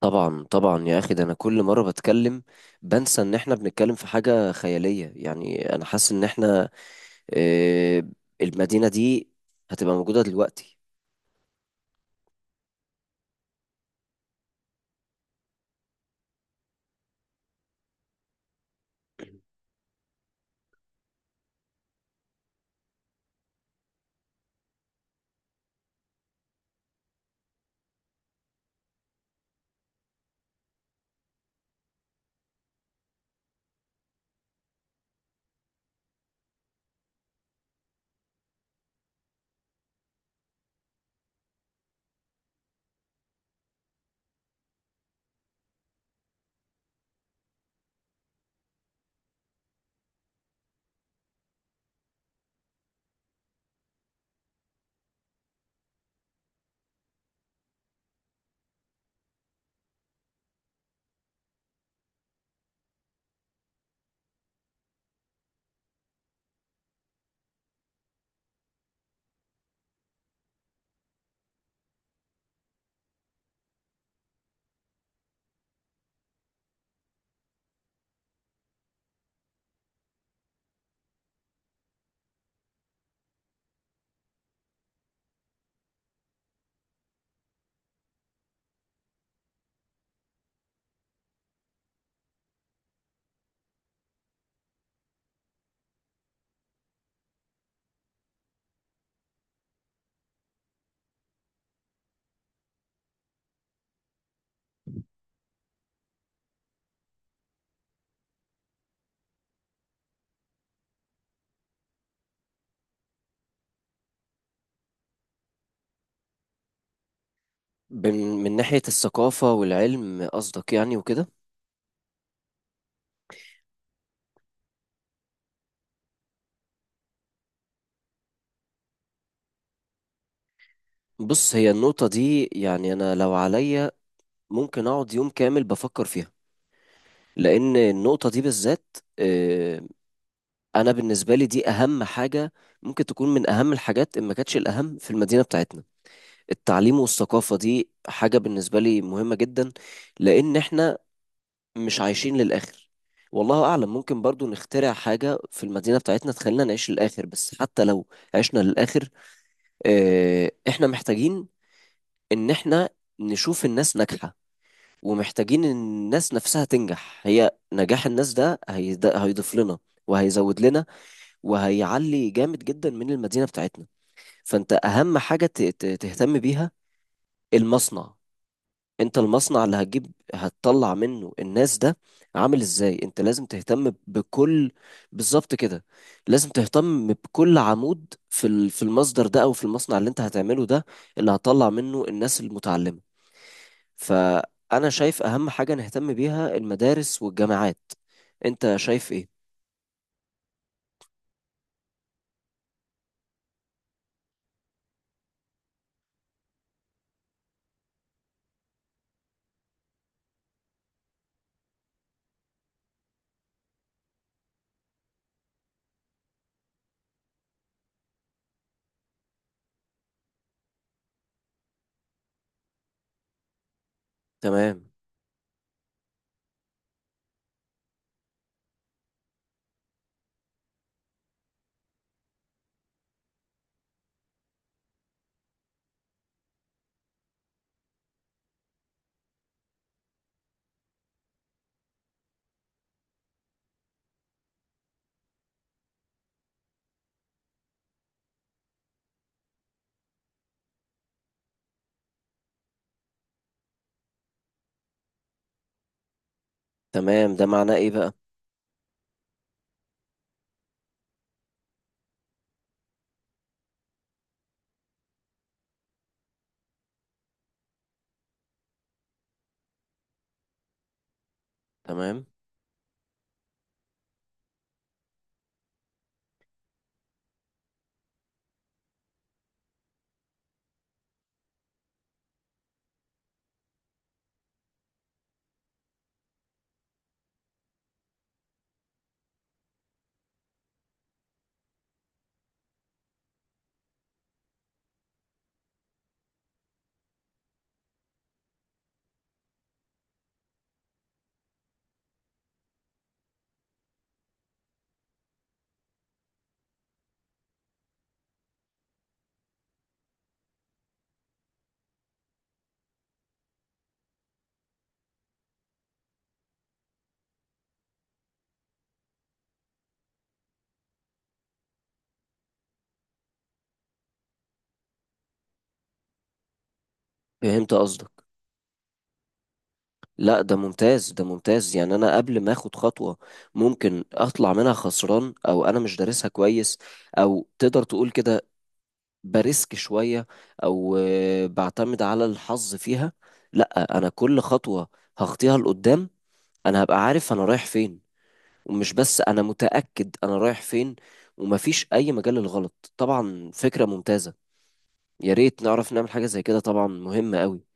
طبعا طبعا يا اخي، ده انا كل مره بتكلم بنسى ان احنا بنتكلم في حاجه خياليه، يعني انا حاسس ان احنا آه، المدينه دي هتبقى موجوده دلوقتي. بن- من ناحيه الثقافه والعلم قصدك يعني وكده؟ بص، هي النقطه دي يعني انا لو عليا ممكن اقعد يوم كامل بفكر فيها، لان النقطه دي بالذات، انا بالنسبه لي دي اهم حاجه، ممكن تكون من اهم الحاجات ان ما كانتش الاهم في المدينه بتاعتنا. التعليم والثقافة دي حاجة بالنسبة لي مهمة جدا، لأن إحنا مش عايشين للآخر. والله أعلم، ممكن برضو نخترع حاجة في المدينة بتاعتنا تخلينا نعيش للآخر، بس حتى لو عشنا للآخر إحنا محتاجين إن إحنا نشوف الناس ناجحة، ومحتاجين إن الناس نفسها تنجح. هي نجاح الناس ده هيضيف لنا وهيزود لنا وهيعلي جامد جدا من المدينة بتاعتنا. فأنت أهم حاجة تهتم بيها المصنع. انت المصنع اللي هتجيب هتطلع منه الناس ده عامل ازاي؟ انت لازم تهتم بكل. بالظبط كده. لازم تهتم بكل عمود في في المصدر ده، او في المصنع اللي انت هتعمله ده، اللي هتطلع منه الناس المتعلمة. فانا شايف اهم حاجة نهتم بيها المدارس والجامعات. انت شايف ايه؟ تمام، تمام، ده معناه ايه بقى؟ تمام، فهمت قصدك. لا، ده ممتاز، ده ممتاز، يعني انا قبل ما اخد خطوة ممكن اطلع منها خسران، او انا مش دارسها كويس، او تقدر تقول كده بريسك شوية، او بعتمد على الحظ فيها. لا، انا كل خطوة هخطيها لقدام انا هبقى عارف انا رايح فين. ومش بس انا متأكد انا رايح فين، ومفيش اي مجال للغلط. طبعا فكرة ممتازة، يا ريت نعرف نعمل حاجة زي كده، طبعا مهمة قوي.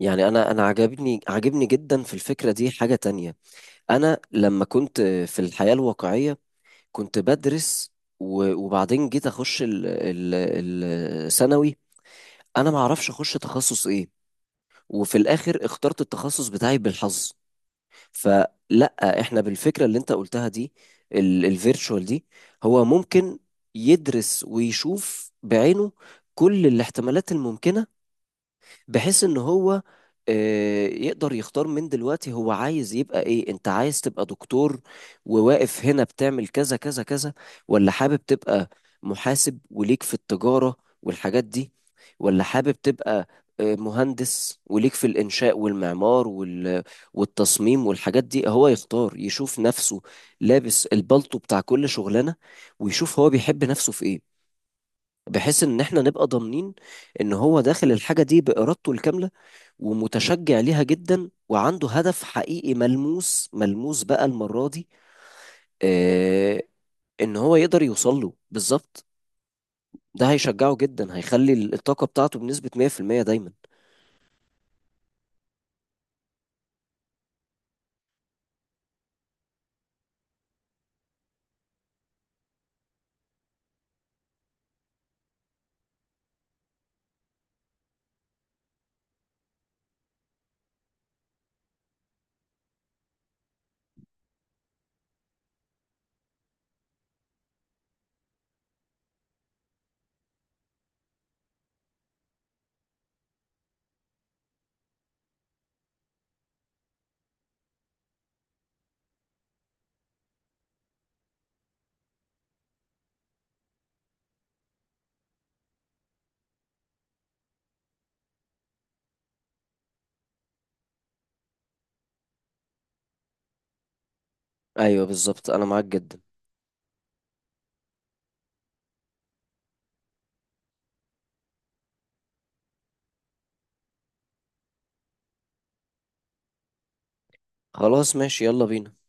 يعني انا عجبني عجبني جدا في الفكرة دي حاجة تانية. انا لما كنت في الحياة الواقعية كنت بدرس، وبعدين جيت اخش الثانوي، انا ما اعرفش اخش تخصص ايه. وفي الاخر اخترت التخصص بتاعي بالحظ. فلا، احنا بالفكرة اللي انت قلتها دي، الفيرتشوال دي، هو ممكن يدرس ويشوف بعينه كل الاحتمالات الممكنة، بحيث ان هو يقدر يختار من دلوقتي هو عايز يبقى ايه. انت عايز تبقى دكتور وواقف هنا بتعمل كذا كذا كذا، ولا حابب تبقى محاسب وليك في التجارة والحاجات دي، ولا حابب تبقى مهندس وليك في الإنشاء والمعمار والتصميم والحاجات دي. هو يختار يشوف نفسه لابس البلطو بتاع كل شغلانة ويشوف هو بيحب نفسه في ايه. بحيث ان احنا نبقى ضامنين ان هو داخل الحاجة دي بإرادته الكاملة ومتشجع ليها جدا، وعنده هدف حقيقي ملموس، ملموس بقى المرة دي، آه ان هو يقدر يوصل له بالظبط. ده هيشجعه جدا، هيخلي الطاقة بتاعته بنسبة 100% دايما. ايوه بالظبط، انا معاك جدا. خلاص ماشي، يلا بينا.